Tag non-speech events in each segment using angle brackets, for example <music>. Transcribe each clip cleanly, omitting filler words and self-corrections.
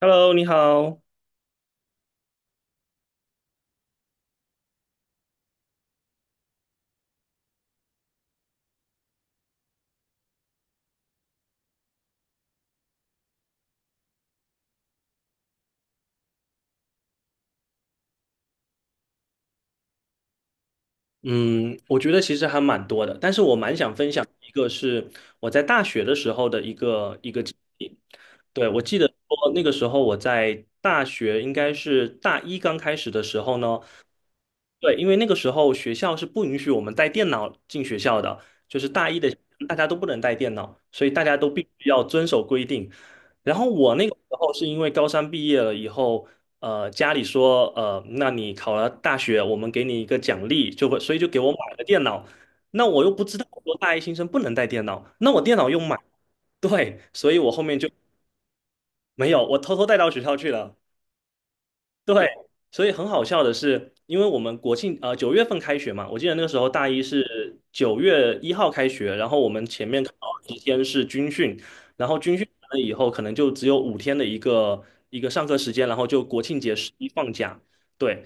Hello，你好。嗯，我觉得其实还蛮多的，但是我蛮想分享一个是我在大学的时候的一个经历。对，我记得说那个时候我在大学应该是大一刚开始的时候呢，对，因为那个时候学校是不允许我们带电脑进学校的，就是大一的大家都不能带电脑，所以大家都必须要遵守规定。然后我那个时候是因为高三毕业了以后，家里说，那你考了大学，我们给你一个奖励，就会，所以就给我买了电脑。那我又不知道说大一新生不能带电脑，那我电脑又买，对，所以我后面就没有，我偷偷带到学校去了。对，所以很好笑的是，因为我们国庆9月份开学嘛，我记得那个时候大一是9月1号开学，然后我们前面刚好几天是军训，然后军训完了以后，可能就只有5天的一个上课时间，然后就国庆节十一放假。对，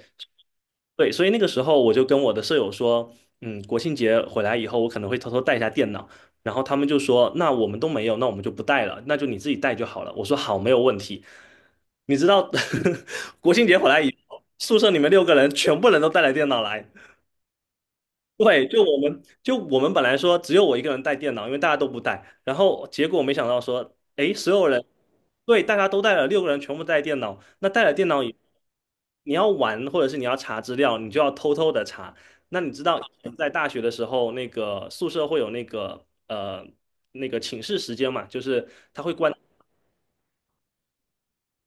对，所以那个时候我就跟我的舍友说，嗯，国庆节回来以后，我可能会偷偷带一下电脑。然后他们就说，那我们都没有，那我们就不带了，那就你自己带就好了。我说好，没有问题。你知道，<laughs> 国庆节回来以后，宿舍里面六个人全部人都带了电脑来，对，就我们就我们本来说只有我一个人带电脑，因为大家都不带，然后结果没想到说，诶，所有人，对，大家都带了，六个人全部带电脑，那带了电脑以你要玩或者是你要查资料，你就要偷偷的查。那你知道以前在大学的时候，那个宿舍会有那个那个寝室时间嘛，就是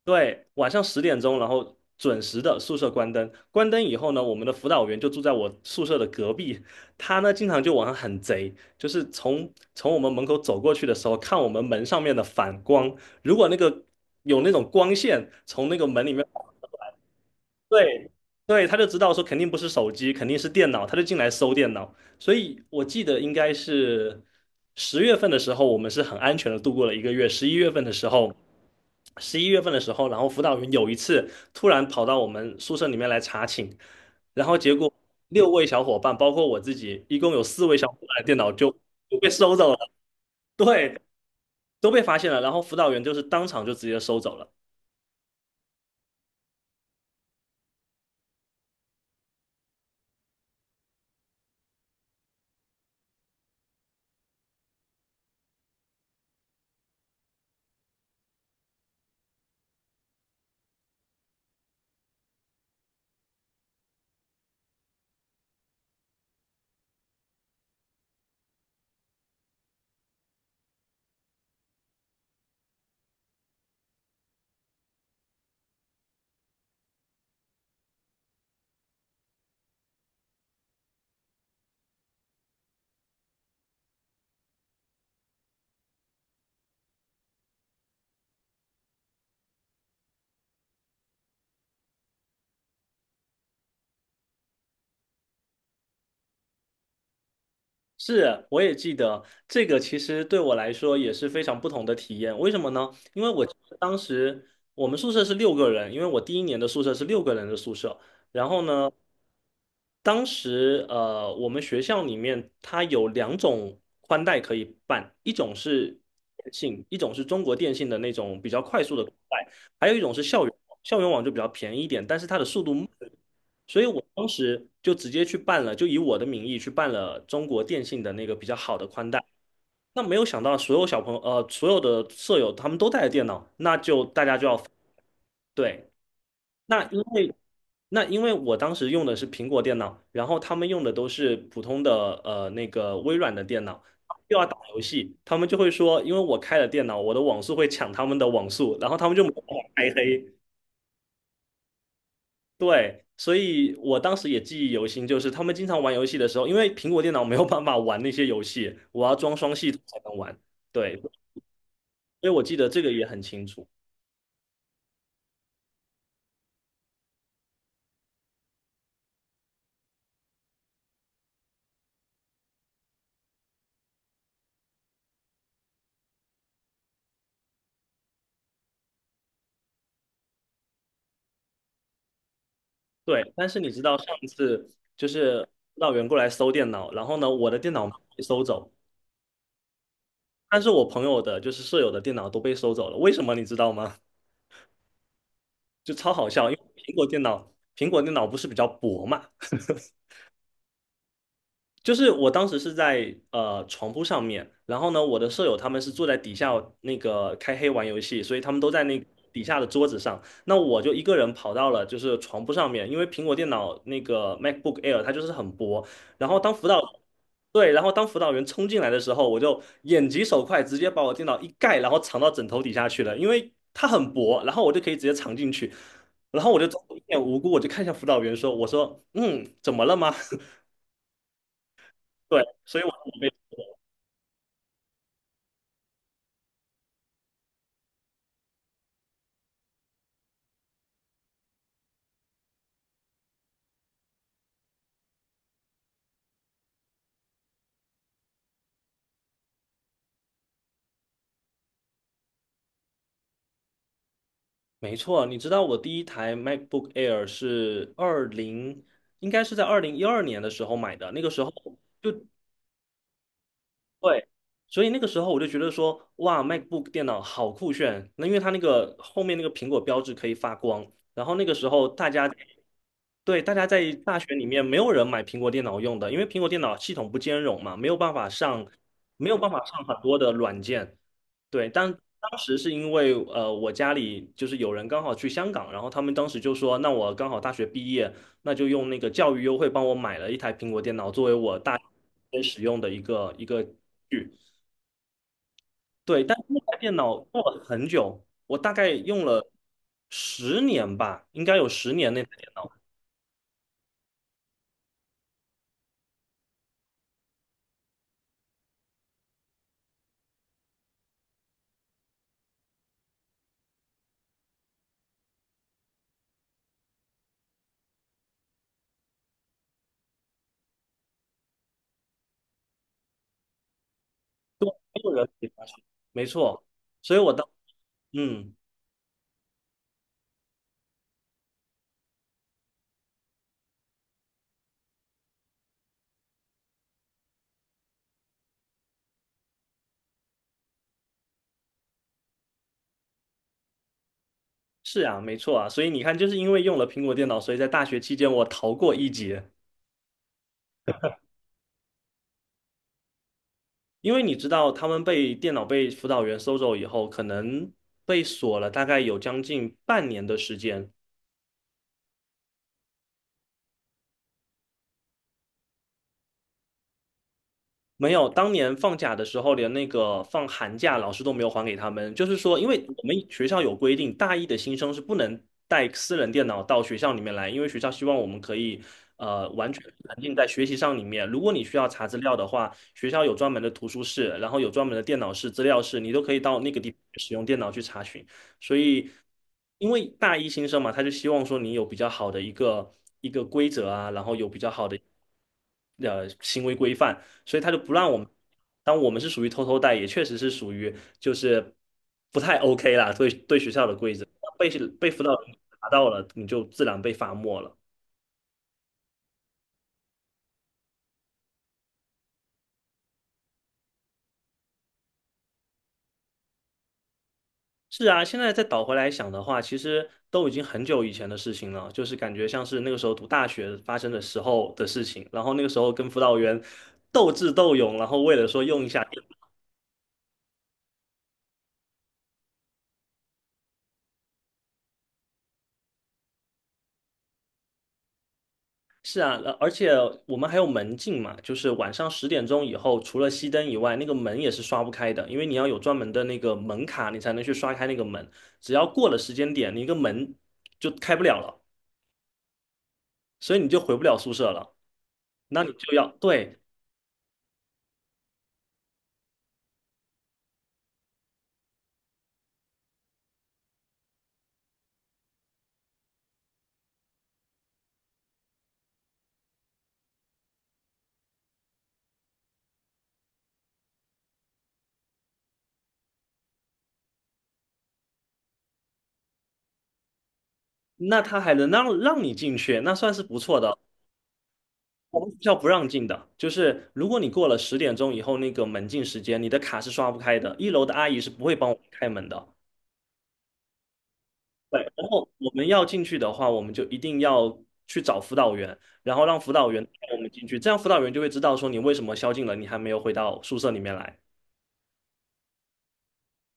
对，晚上十点钟，然后准时的宿舍关灯。关灯以后呢，我们的辅导员就住在我宿舍的隔壁。他呢，经常就晚上很贼，就是从我们门口走过去的时候，看我们门上面的反光。如果那个有那种光线从那个门里面对，对，他就知道说肯定不是手机，肯定是电脑，他就进来搜电脑。所以我记得应该是10月份的时候，我们是很安全的度过了一个月。十一月份的时候，然后辅导员有一次突然跑到我们宿舍里面来查寝，然后结果6位小伙伴，包括我自己，一共有4位小伙伴的电脑就被收走了，对，都被发现了。然后辅导员就是当场就直接收走了。是，我也记得这个，其实对我来说也是非常不同的体验。为什么呢？因为我记得当时我们宿舍是六个人，因为我第一年的宿舍是六个人的宿舍。然后呢，当时我们学校里面它有两种宽带可以办，一种是电信，一种是中国电信的那种比较快速的宽带，还有一种是校园网就比较便宜一点，但是它的速度慢，所以我当时就直接去办了，就以我的名义去办了中国电信的那个比较好的宽带。那没有想到，所有小朋友，呃，所有的舍友他们都带着电脑，那就大家就要对。那因为那因为我当时用的是苹果电脑，然后他们用的都是普通的那个微软的电脑，又要打游戏，他们就会说，因为我开了电脑，我的网速会抢他们的网速，然后他们就把我开黑。对，所以我当时也记忆犹新，就是他们经常玩游戏的时候，因为苹果电脑没有办法玩那些游戏，我要装双系统才能玩。对，所以我记得这个也很清楚。对，但是你知道上一次就是辅导员过来搜电脑，然后呢，我的电脑被搜走，但是我朋友的，就是舍友的电脑都被收走了。为什么你知道吗？就超好笑，因为苹果电脑，苹果电脑不是比较薄嘛，就是我当时是在床铺上面，然后呢，我的舍友他们是坐在底下那个开黑玩游戏，所以他们都在那底下的桌子上。那我就一个人跑到了就是床铺上面，因为苹果电脑那个 MacBook Air 它就是很薄。然后当辅导对，然后当辅导员冲进来的时候，我就眼疾手快，直接把我电脑一盖，然后藏到枕头底下去了，因为它很薄，然后我就可以直接藏进去。然后我就装作一脸无辜，我就看向辅导员说："我说，嗯，怎么了吗？" <laughs> 对，所以我。没错，你知道我第一台 MacBook Air 是二零，应该是在2012年的时候买的。那个时候就对，所以那个时候我就觉得说，哇，MacBook 电脑好酷炫。那因为它那个后面那个苹果标志可以发光，然后那个时候大家对，大家在大学里面没有人买苹果电脑用的，因为苹果电脑系统不兼容嘛，没有办法上，没有办法上很多的软件。对，当时是因为我家里就是有人刚好去香港，然后他们当时就说，那我刚好大学毕业，那就用那个教育优惠帮我买了一台苹果电脑，作为我大学使用的一个具。对，但是那台电脑用了很久，我大概用了十年吧，应该有十年那。没有人可以发现没错。所以我当，嗯，是啊，没错啊。所以你看，就是因为用了苹果电脑，所以在大学期间我逃过一劫。因为你知道，他们被电脑被辅导员收走以后，可能被锁了大概有将近半年的时间。没有，当年放假的时候，连那个放寒假，老师都没有还给他们。就是说，因为我们学校有规定，大一的新生是不能带私人电脑到学校里面来，因为学校希望我们可以完全沉浸在学习上里面。如果你需要查资料的话，学校有专门的图书室，然后有专门的电脑室、资料室，你都可以到那个地方使用电脑去查询。所以，因为大一新生嘛，他就希望说你有比较好的一个一个规则啊，然后有比较好的。行为规范，所以他就不让我们。当我们是属于偷偷带，也确实是属于就是不太 OK 啦，对学校的规则被被辅导员查到了，你就自然被罚没了。是啊，现在再倒回来想的话，其实都已经很久以前的事情了，就是感觉像是那个时候读大学发生的时候的事情，然后那个时候跟辅导员斗智斗勇，然后为了说用一下。是啊，而且我们还有门禁嘛，就是晚上十点钟以后，除了熄灯以外，那个门也是刷不开的，因为你要有专门的那个门卡，你才能去刷开那个门。只要过了时间点，你一个门就开不了了，所以你就回不了宿舍了。那你就要，对，那他还能让你进去，那算是不错的。我们学校不让进的，就是如果你过了十点钟以后那个门禁时间，你的卡是刷不开的，一楼的阿姨是不会帮我们开门的。对，然后我们要进去的话，我们就一定要去找辅导员，然后让辅导员带我们进去，这样辅导员就会知道说你为什么宵禁了，你还没有回到宿舍里面来。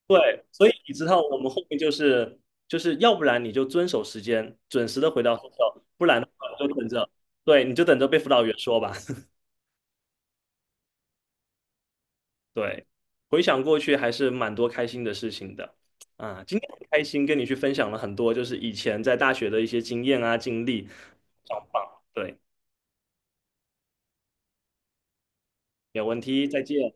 对，所以你知道我们后面就是要不然你就遵守时间，准时的回到宿舍，不然的话你就等着，对，你就等着被辅导员说吧。<laughs> 对，回想过去还是蛮多开心的事情的啊，今天很开心跟你去分享了很多就是以前在大学的一些经验啊经历，非常棒。对，没有问题，再见。